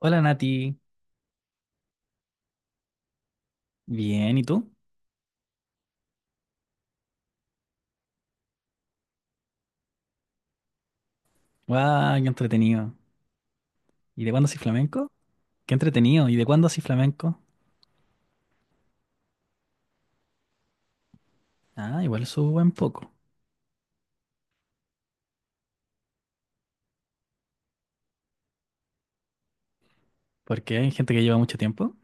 Hola Nati, bien, ¿y tú? ¡Guau! ¡Qué entretenido! ¿Y de cuándo haces flamenco? ¡Qué entretenido! ¿Y de cuándo haces flamenco? Ah, igual subo un buen poco, porque hay gente que lleva mucho tiempo.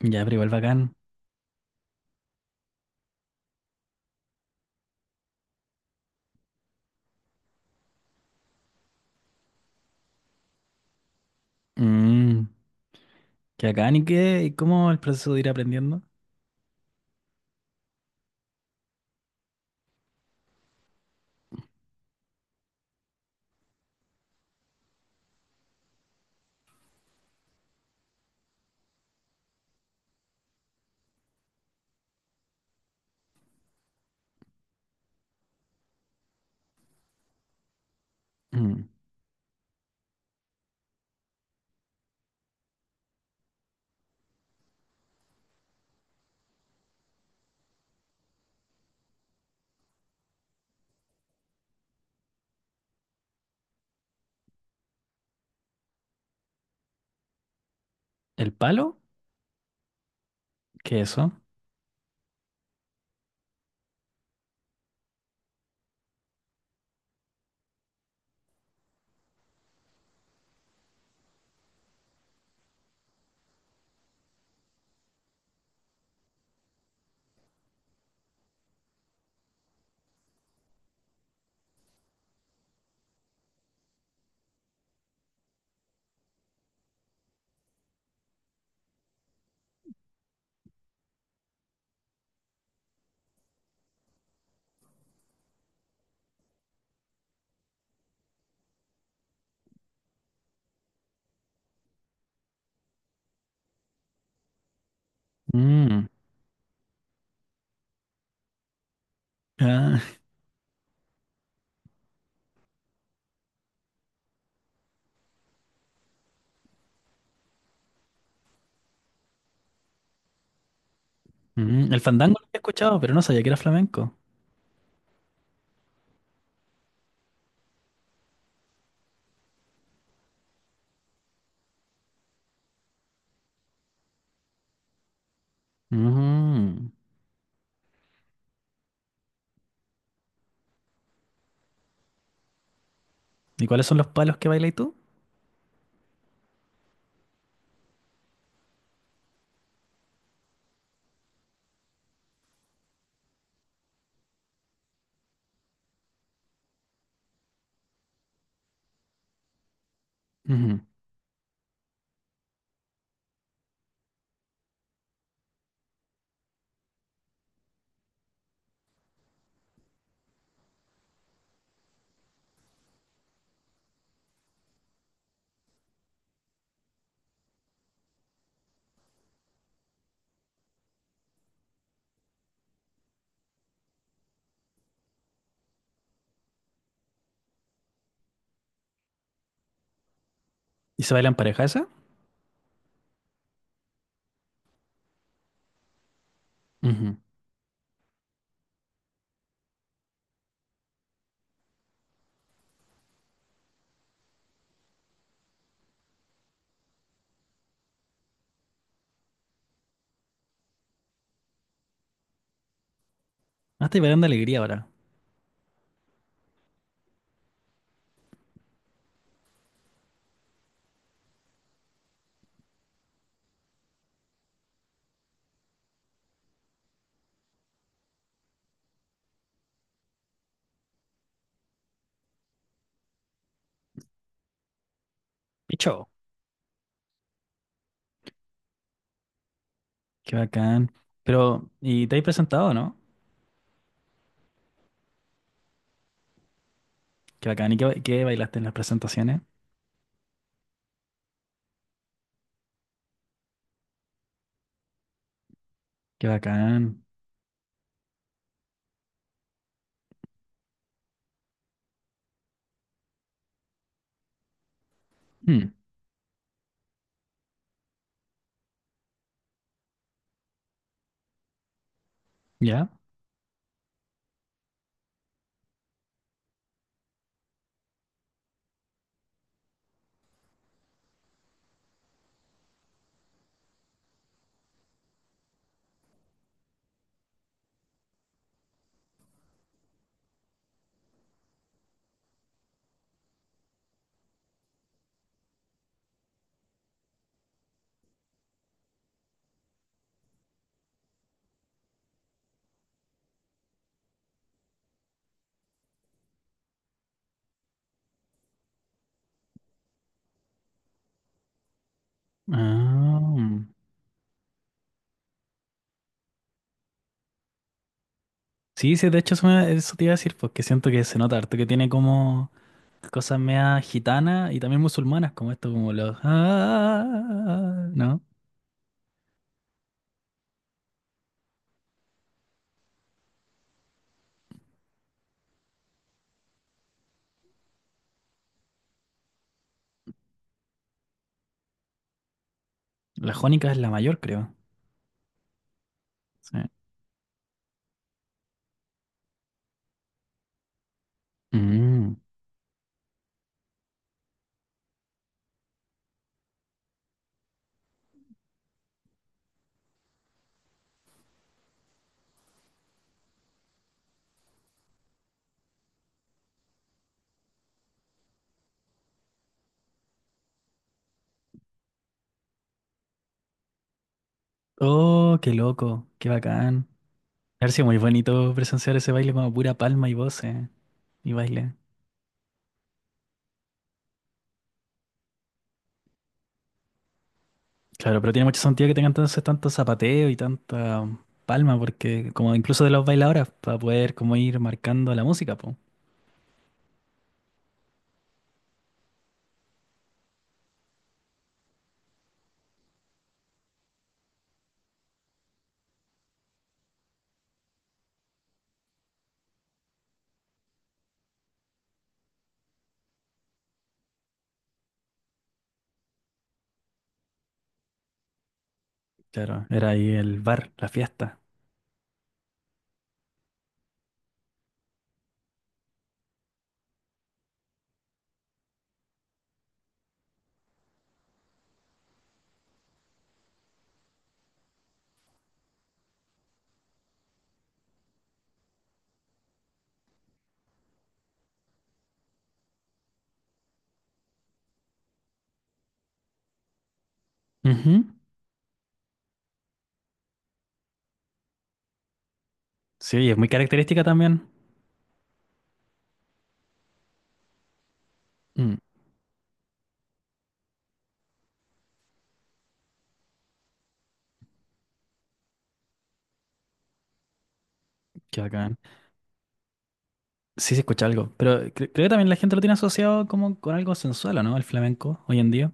Ya, pero igual bacán. Mmm, ¿qué bacán y qué? ¿Y cómo el proceso de ir aprendiendo? Mm, ¿el palo? ¿Qué es eso? Mm, ah, mm, el fandango lo he escuchado, pero no sabía que era flamenco. Mm, ¿y cuáles son los palos que bailas tú? Ujú. ¿Y se bailan pareja esa? Ujú. Ah, estoy bailando alegría ahora. ¡Picho! Qué bacán. Pero, ¿y te has presentado no? Qué bacán. ¿Y qué, qué bailaste en las presentaciones? Qué bacán. Hmm, ¿ya? Ah. Sí, sí, de hecho eso, eso te iba a decir, porque siento que se nota harto que tiene como cosas meas gitanas y también musulmanas, como esto, como los ah, ¿no? La jónica es la mayor, creo. Sí. Mm. Oh, qué loco, qué bacán. Ha sido muy bonito presenciar ese baile como pura palma y voces y baile. Claro, pero tiene mucho sentido que tengan entonces tanto zapateo y tanta palma, porque como incluso de los bailadores, para poder como ir marcando la música, pues. Claro, era ahí el bar, la fiesta. Ujú. Sí, y es muy característica también. Mm, qué bacán. Sí, se escucha algo, pero creo que también la gente lo tiene asociado como con algo sensual, ¿o ¿no? El flamenco hoy en día,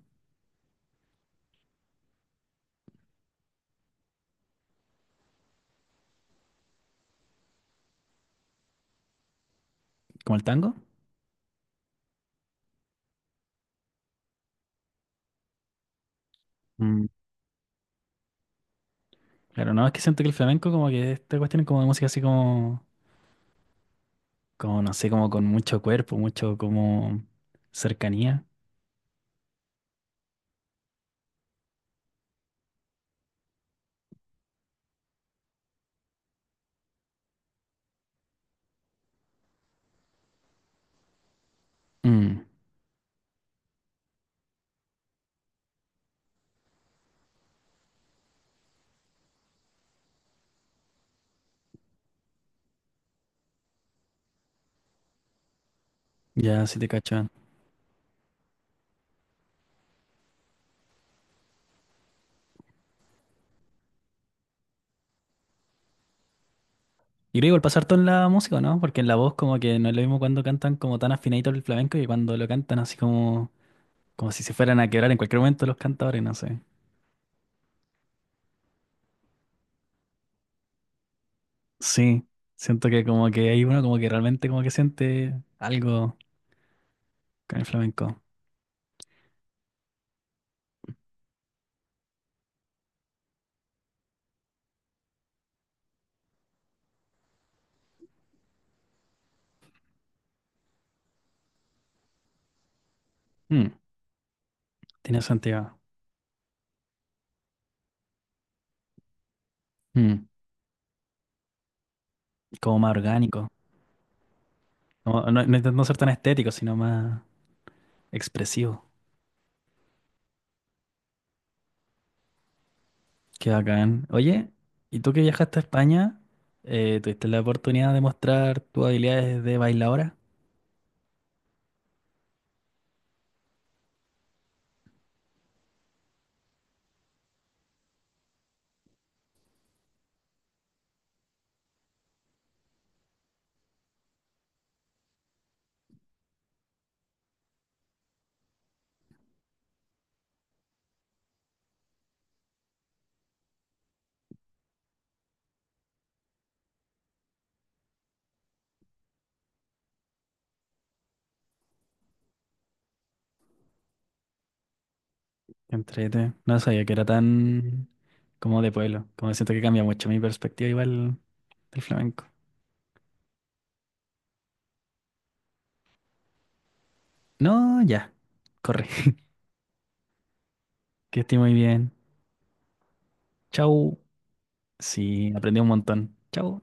como el tango. Mm. Claro, no, es que siento que el flamenco como que esta cuestión es como de música así como, como no sé, como con mucho cuerpo, mucho como cercanía. Mm. Ya, sí te cacho. Y creo que igual pasar todo en la música, ¿no? Porque en la voz como que no es lo mismo cuando cantan como tan afinadito el flamenco y cuando lo cantan así como, como si se fueran a quebrar en cualquier momento los cantadores, no sé. Sí, siento que como que hay uno como que realmente como que siente algo con el flamenco. Mm, tiene sentido. Mm, como más orgánico. Como no, no intentando ser tan estético, sino más expresivo. Qué bacán. Oye, ¿y tú que viajaste a España, tuviste la oportunidad de mostrar tus habilidades de bailadora? Entrete. No sabía que era tan como de pueblo. Como siento que cambia mucho mi perspectiva igual del flamenco. No, ya, corre. Que esté muy bien. Chau. Sí, aprendí un montón. Chau.